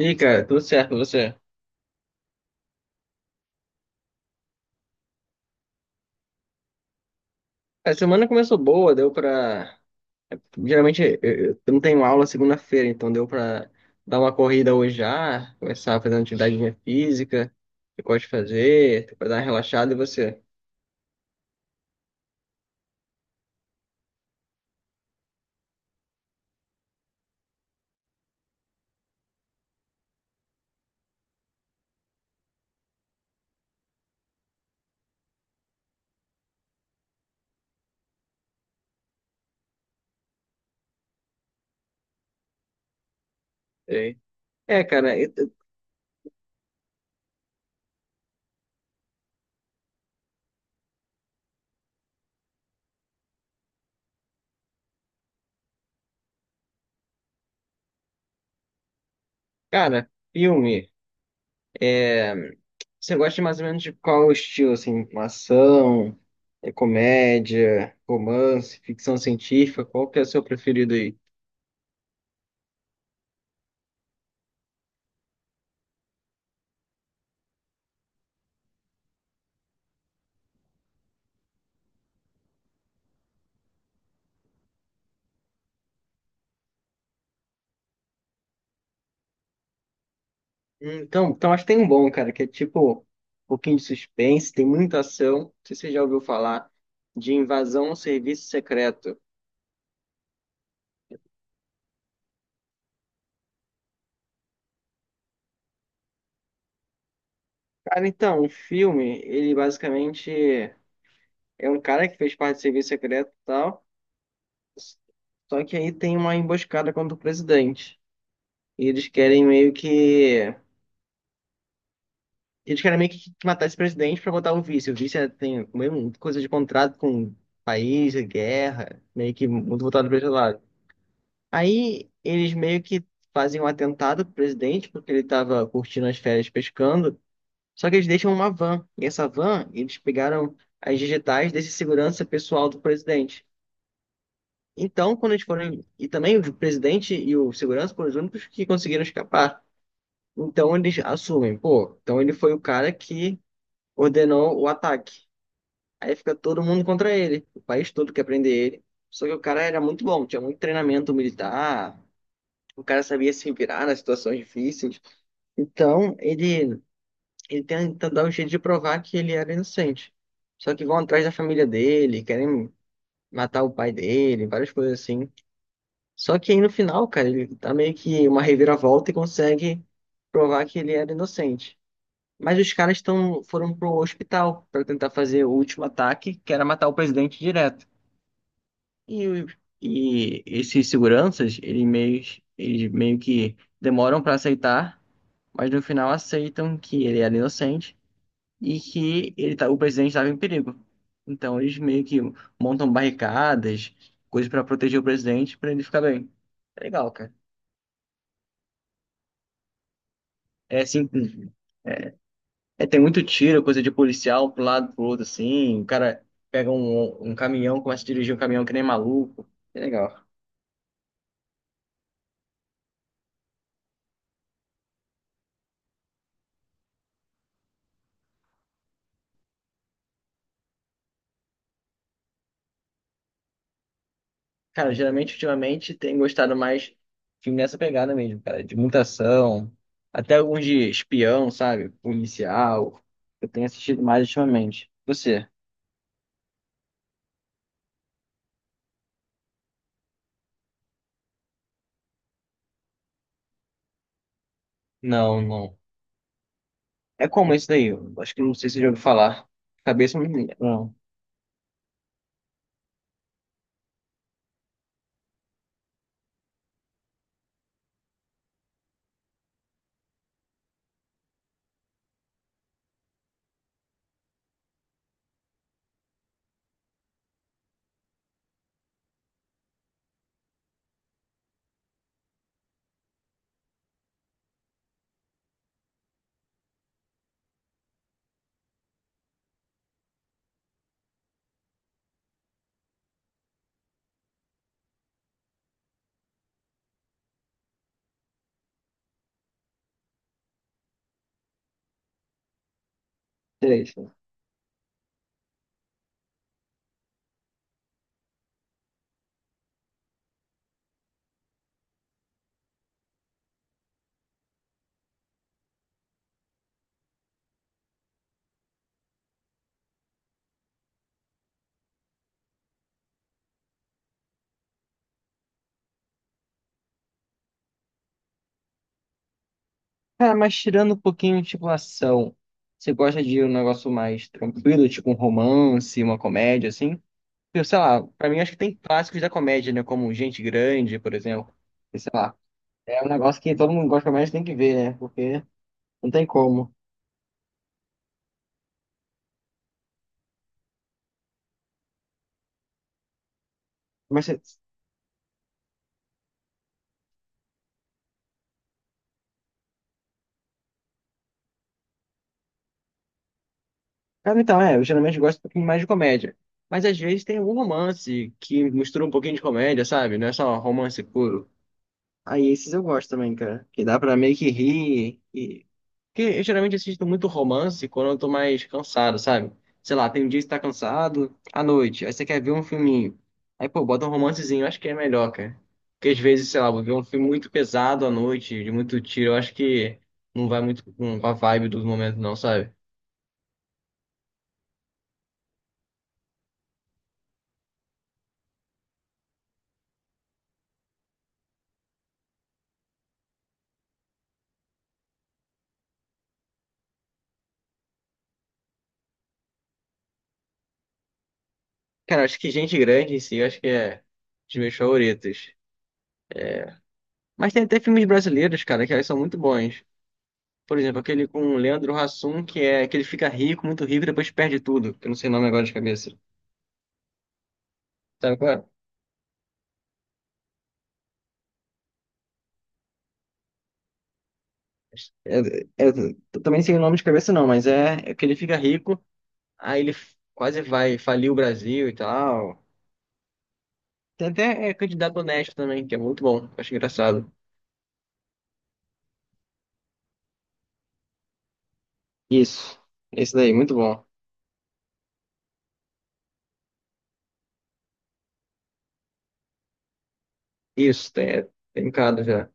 E aí, cara, tudo certo com você? A semana começou boa, deu pra. Geralmente eu não tenho aula segunda-feira, então deu pra dar uma corrida hoje já, começar a fazer uma atividade de física, que eu gosto de fazer, pra dar uma relaxada. E você? E É, cara, eu- eu- Cara, filme. é, Você gosta mais ou menos de qual estilo, assim? Uma ação, é comédia, romance, ficção científica? Qual que é o seu preferido aí? Então acho que tem um bom, cara, que é tipo um pouquinho de suspense, tem muita ação. Não sei se você já ouviu falar de Invasão a um Serviço Secreto. Cara, então, o filme, ele basicamente é um cara que fez parte do serviço secreto e tal, só que aí tem uma emboscada contra o presidente. E eles querem meio que. Eles querem meio que matar esse presidente pra botar o vice. O vice é- tem mesmo coisa de contrato com o país, é guerra, meio que muito voltado para esse lado. Aí eles meio que fazem um atentado pro presidente, porque ele tava curtindo as férias pescando. Só que eles deixam uma van. E essa van, eles pegaram as digitais desse segurança pessoal do presidente. Então, quando eles foram. E também o presidente e o segurança foram os únicos que conseguiram escapar. Então eles assumem, pô, então ele foi o cara que ordenou o ataque. Aí fica todo mundo contra ele. O país todo quer prender ele. Só que o cara era muito bom, tinha muito treinamento militar. O cara sabia se virar nas situações difíceis. Então, ele tenta dar um jeito de provar que ele era inocente. Só que vão atrás da família dele, querem matar o pai dele, várias coisas assim. Só que aí no final, cara, ele tá meio que uma reviravolta e consegue provar que ele era inocente. Mas os caras tão, foram pro hospital para tentar fazer o último ataque, que era matar o presidente direto. E, o- e esses seguranças, eles meio que demoram para aceitar, mas no final aceitam que ele era inocente e que ele tá, o presidente estava em perigo. Então eles meio que montam barricadas, coisas para proteger o presidente, para ele ficar bem. É legal, cara. É assim, é, tem muito tiro, coisa de policial pro lado, pro outro, assim. O cara pega um caminhão, começa a dirigir um caminhão que nem maluco. É legal. Cara, geralmente, ultimamente, tem gostado mais filme nessa pegada mesmo, cara, de muita ação, até alguns de espião, sabe? Policial. Eu tenho assistido mais ultimamente. Você? Não, não. É como esse daí? Eu acho que não sei se você já ouviu falar. Cabeça não me lembra. Não, três. Cara, mas tirando um pouquinho, tipo, ação, você gosta de um negócio mais tranquilo, tipo um romance, uma comédia, assim? Eu sei lá, pra mim acho que tem clássicos da comédia, né? Como Gente Grande, por exemplo. Sei lá, é um negócio que todo mundo gosta, mas tem que ver, né? Porque não tem como. Mas, você- Cara, então, eu geralmente gosto um pouquinho mais de comédia. Mas às vezes tem algum romance que mistura um pouquinho de comédia, sabe? Não é só romance puro. Aí esses eu gosto também, cara. Que dá pra meio que rir. E... Porque eu geralmente assisto muito romance quando eu tô mais cansado, sabe? Sei lá, tem um dia que você tá cansado, à noite, aí você quer ver um filminho. Aí, pô, bota um romancezinho, eu acho que é melhor, cara. Porque às vezes, sei lá, vou ver um filme muito pesado à noite, de muito tiro, eu acho que não vai muito com a vibe do momento, não, sabe? Cara, eu acho que Gente Grande em si, eu acho que é dos meus favoritos. Mas tem até filmes brasileiros, cara, que eles são muito bons. Por exemplo, aquele com o Leandro Hassum, que é que ele fica rico, muito rico, e depois perde tudo. Que Eu não sei o nome agora de cabeça. Sabe qual é? É, é, eu também sei o nome de cabeça não, mas é que ele fica rico, aí ele f- quase vai falir o Brasil e tal. Tem até candidato honesto também, que é muito bom. Eu Acho engraçado. Isso. Esse daí, muito bom. Isso, tem um cara já.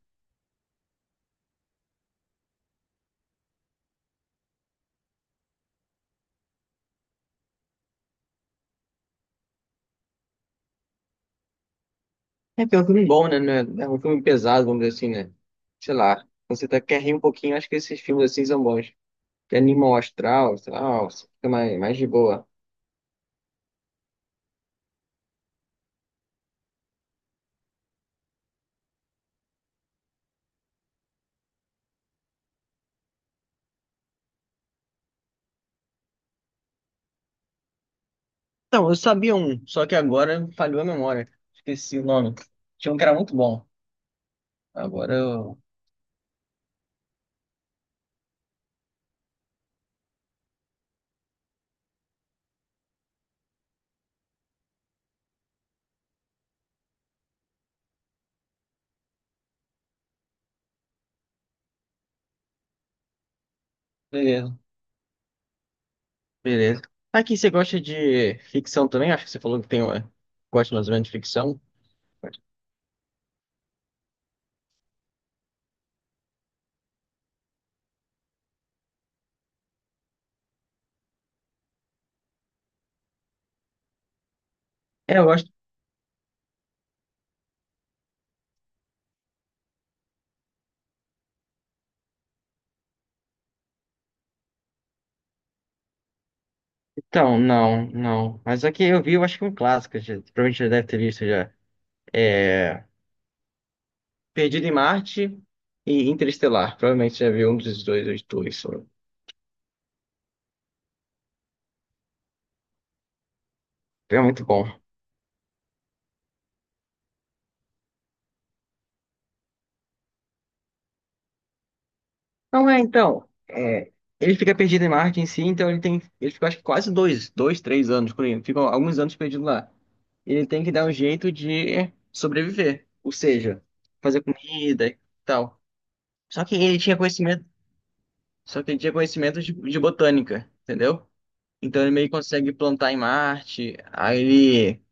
É, porque é um filme bom, né? não É é um filme pesado, vamos dizer assim, né? Sei lá. Quando você tá, quer rir um pouquinho, acho que esses filmes assim são bons. Que é animal astral, sei lá, ó, você fica mais de boa. Então, eu sabia um, só que agora falhou a memória. Esqueci o nome. Tinha um que era muito bom. Agora eu. Beleza, beleza. Aqui, você gosta de ficção também? Acho que você falou que tem uma. Gosta mais ou menos de ficção. É, eu gosto. Então, não, não. Mas aqui eu vi, eu acho que um clássico, já, provavelmente já deve ter visto já. É. Perdido em Marte e Interestelar. Provavelmente já viu um dos dois, os dois. É muito bom. Não é, então. Ele fica perdido em Marte em si, então ele tem. Ele fica acho que quase 3 anos, por aí. Ficam alguns anos perdido lá. Ele tem que dar um jeito de sobreviver. Ou seja, fazer comida e tal. Só que ele tinha conhecimento. Só que ele tinha conhecimento de botânica, entendeu? Então ele meio que consegue plantar em Marte. Aí ele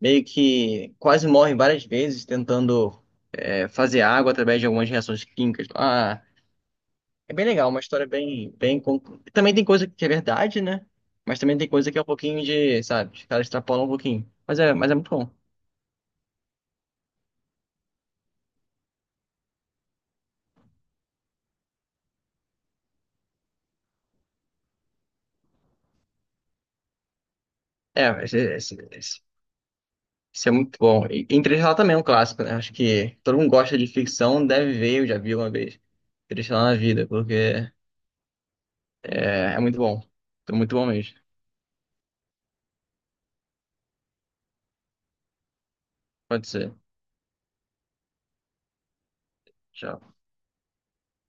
meio que quase morre várias vezes tentando fazer água através de algumas reações químicas. Ah. É bem legal, uma história bem, bem. Con- Também tem coisa que é verdade, né? Mas também tem coisa que é um pouquinho de, sabe, os caras extrapolam um pouquinho. Mas é muito bom. É, esse, esse, esse, esse é muito bom. E Interestelar também é um clássico, né? Acho que todo mundo gosta de ficção, deve ver, eu já vi uma vez. Interestelar na vida, é muito bom. Então, muito bom mesmo. Pode ser. Tchau.